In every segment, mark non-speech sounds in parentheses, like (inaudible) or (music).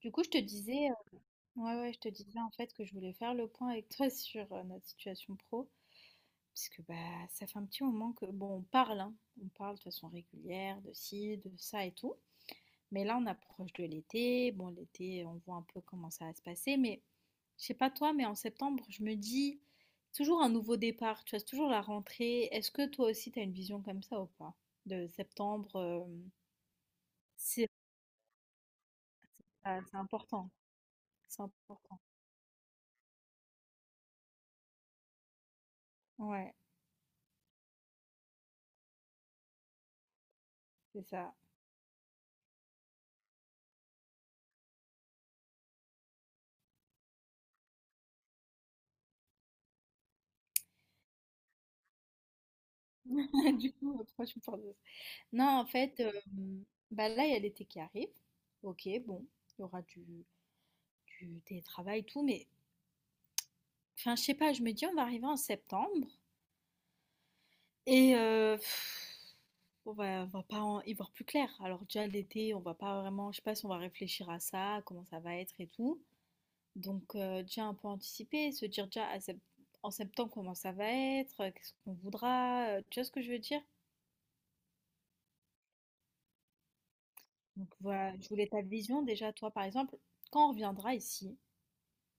Du coup, je te disais, ouais, ouais, je te disais en fait que je voulais faire le point avec toi (laughs) sur notre situation pro, puisque bah ça fait un petit moment que bon, on parle, hein, on parle de façon régulière de ci, de ça et tout, mais là on approche de l'été. Bon, l'été on voit un peu comment ça va se passer, mais je sais pas toi, mais en septembre je me dis toujours un nouveau départ, tu vois, c'est toujours la rentrée. Est-ce que toi aussi t'as une vision comme ça ou pas? De septembre, c'est ah, c'est important, c'est important. Ouais, c'est ça. (laughs) Du coup, pourquoi tu me parles de ça? Non, en fait, bah là, il y a l'été qui arrive. Ok, bon, il y aura du télétravail, tout, mais enfin, je sais pas, je me dis, on va arriver en septembre et on va pas y voir plus clair. Alors, déjà, l'été, on va pas vraiment, je sais pas si on va réfléchir à ça, comment ça va être et tout. Donc, déjà un peu anticiper, se dire déjà en septembre comment ça va être, qu'est-ce qu'on voudra, tu vois ce que je veux dire? Donc voilà, je voulais ta vision déjà, toi par exemple, quand on reviendra ici,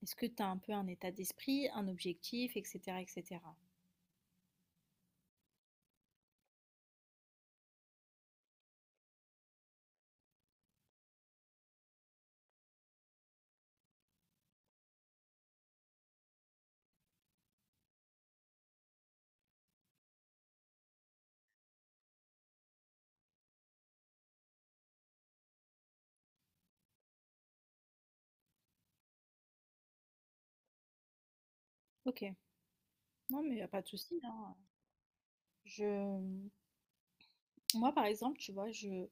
est-ce que tu as un peu un état d'esprit, un objectif, etc., etc. Ok, non mais y a pas de souci, hein. Je, moi par exemple, tu vois,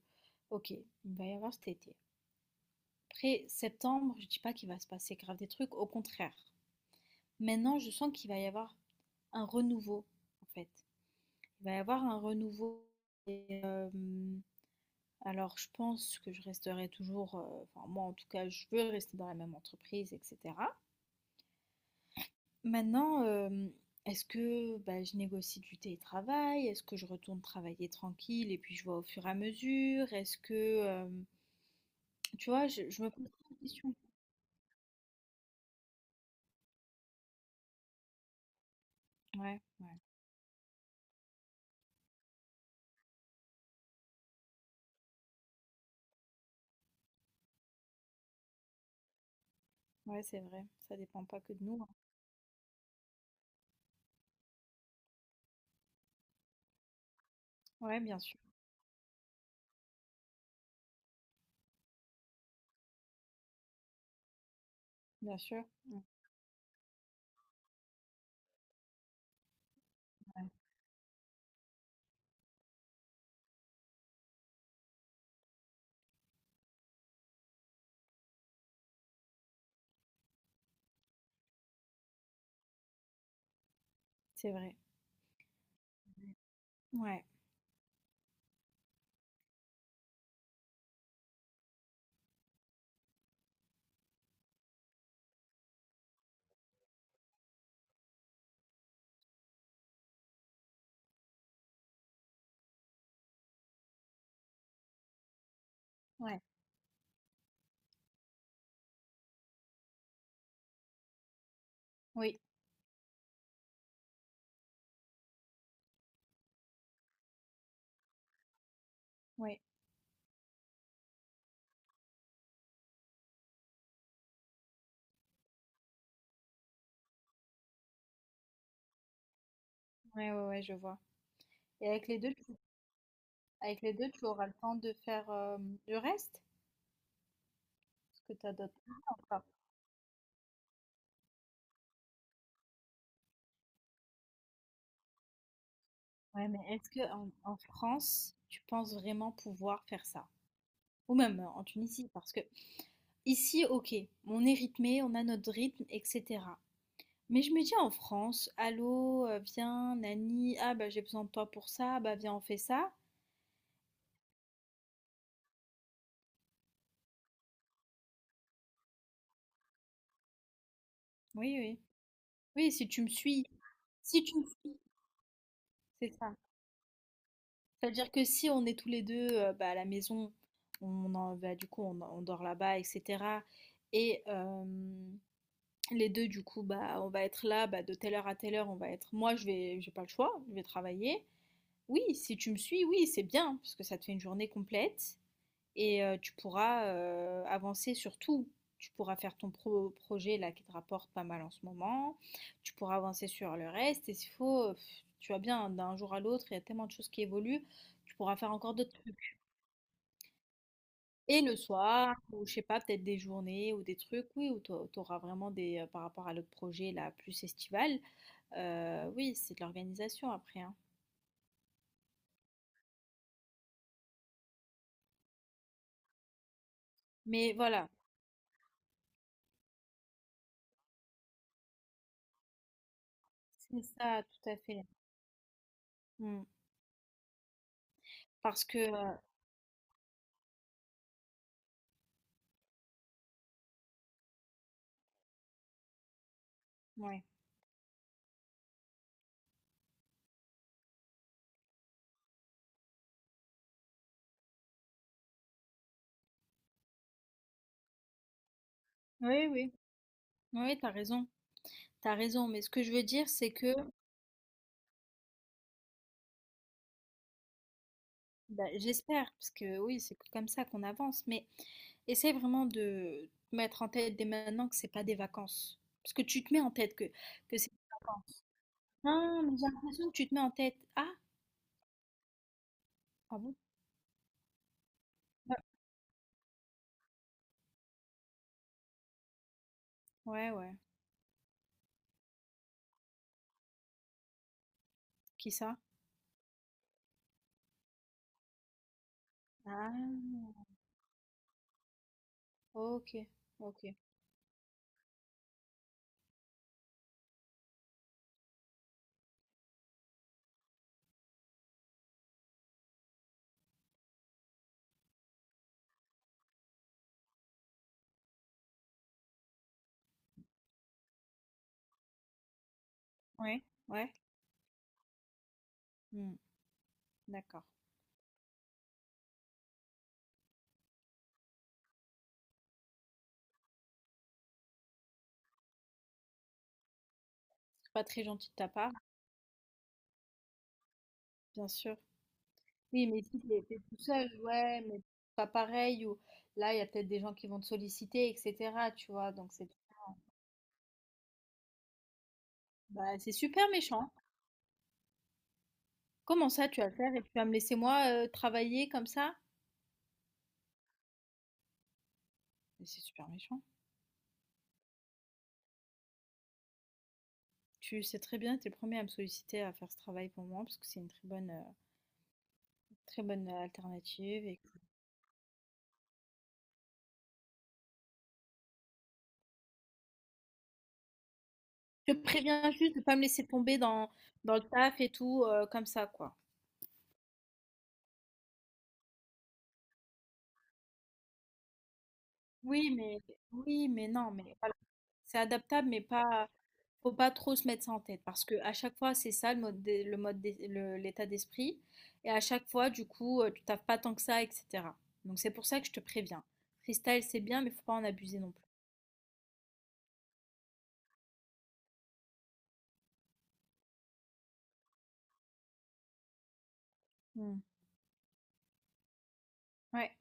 ok, il va y avoir cet été. Après septembre, je dis pas qu'il va se passer grave des trucs, au contraire. Maintenant, je sens qu'il va y avoir un renouveau, en fait. Il va y avoir un renouveau. euh, Alors, je pense que je resterai toujours, enfin moi en tout cas, je veux rester dans la même entreprise et cetera. Maintenant, est-ce que, bah, je négocie du télétravail? Est-ce que je retourne travailler tranquille et puis je vois au fur et à mesure? Est-ce que, hem, tu vois, je me pose plein de questions. Ouais, ouais, ouais, c'est vrai, ça dépend pas que de nous, hein. Ouais, bien sûr, bien sûr. Mmh, ouais, c'est vrai. Ouais, ouais, oui, oui, ouais, ouais, ouais, je vois. Et avec les 2, tu avec les 2, tu auras le temps de faire, le reste? Est-ce que tu as d'autres trucs encore? Ouais, mais est-ce que en France, tu penses vraiment pouvoir faire ça? Ou même en Tunisie, parce que ici, ok, on est rythmé, on a notre rythme, etc. Mais je me dis en France, allô, viens, Nani, ah bah j'ai besoin de toi pour ça, bah viens, on fait ça. Oui, oui. Oui, si tu me suis, si tu me suis, c'est ça. C'est-à-dire que si on est tous les deux bah, à la maison, bah, du coup on dort là-bas, etc. Et les 2, du coup, bah, on va être là, bah, de telle heure à telle heure, on va être. Moi, j'ai pas le choix, je vais travailler. Oui, si tu me suis, oui, c'est bien, parce que ça te fait une journée complète et tu pourras avancer sur tout. Tu pourras faire ton projet là qui te rapporte pas mal en ce moment. Tu pourras avancer sur le reste. Et s'il faut, tu vois bien, d'un jour à l'autre, il y a tellement de choses qui évoluent. Tu pourras faire encore d'autres trucs. Et le soir, ou je sais pas, peut-être des journées ou des trucs, oui, où tu auras vraiment par rapport à l'autre projet là, plus estival. Oui, c'est de l'organisation après, hein. Mais voilà, c'est ça, tout à fait. Mmh. Parce que, ouais. Oui, oui. Oui, t'as raison, mais ce que je veux dire, c'est que bah, j'espère, parce que oui, c'est comme ça qu'on avance, mais essaie vraiment de te mettre en tête dès maintenant que c'est pas des vacances. Parce que tu te mets en tête que c'est des vacances. Non, mais j'ai l'impression que tu te mets en tête ah! Ah bon? Ouais. Ouais, ouais. Qui ça? Ah! OK, OK. Ouais, ouais. Mmh, d'accord. Pas très gentil de ta part, bien sûr. Oui, mais si tu étais tout seul, ouais, mais pas pareil, ou là, il y a peut-être des gens qui vont te solliciter, etc. Tu vois, donc c'est bah, c'est super méchant. Comment ça, tu vas le faire et tu vas me laisser moi travailler comme ça? Mais c'est super méchant. Tu sais très bien, tu es le premier à me solliciter à faire ce travail pour moi, parce que c'est une très bonne alternative. Et. Je te préviens juste de pas me laisser tomber dans le taf et tout, comme ça, quoi. Oui, mais oui, mais non, mais voilà. C'est adaptable, mais pas. Faut pas trop se mettre ça en tête parce que à chaque fois c'est ça le mode d'e- le mode d'es- le- l'état d'esprit et à chaque fois du coup tu taffes pas tant que ça etc. Donc c'est pour ça que je te préviens. Freestyle c'est bien mais faut pas en abuser non plus. Hmm. Ouais.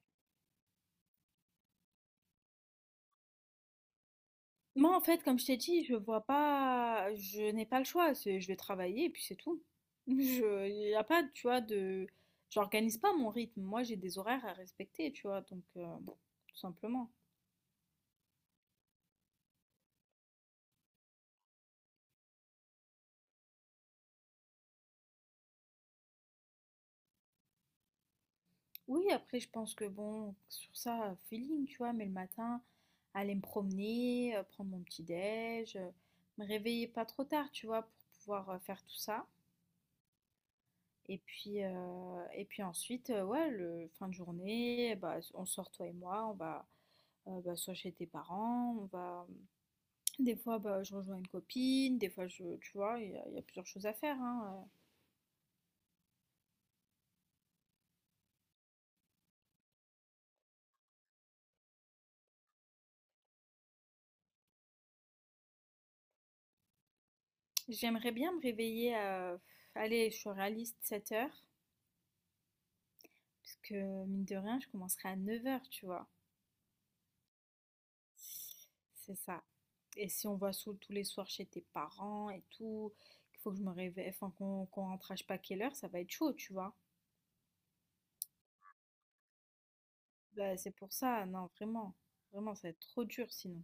Moi en fait comme je t'ai dit je vois pas je n'ai pas le choix je vais travailler et puis c'est tout. (laughs) Je y a pas, tu vois, de j'organise pas mon rythme. Moi, j'ai des horaires à respecter, tu vois, donc tout simplement. Oui, après, je pense que bon, sur ça, feeling, tu vois, mais le matin, aller me promener, prendre mon petit déj, me réveiller pas trop tard, tu vois, pour pouvoir faire tout ça. Et puis ensuite, ouais, le fin de journée, bah, on sort toi et moi, on va bah, soit chez tes parents, on va. Mmh, Des fois, bah, je rejoins une copine, des fois, tu vois, il y a plusieurs choses à faire, hein, J'aimerais bien me réveiller à. Allez, je suis réaliste, 7 heures. Parce que mine de rien, je commencerai à 9 heures tu vois. C'est ça. Et si on va tous les soirs chez tes parents et tout, qu'il faut que je me réveille, enfin qu'on rentre à je sais pas quelle heure, ça va être chaud, tu vois. Bah, c'est pour ça, non, vraiment. Vraiment, ça va être trop dur sinon.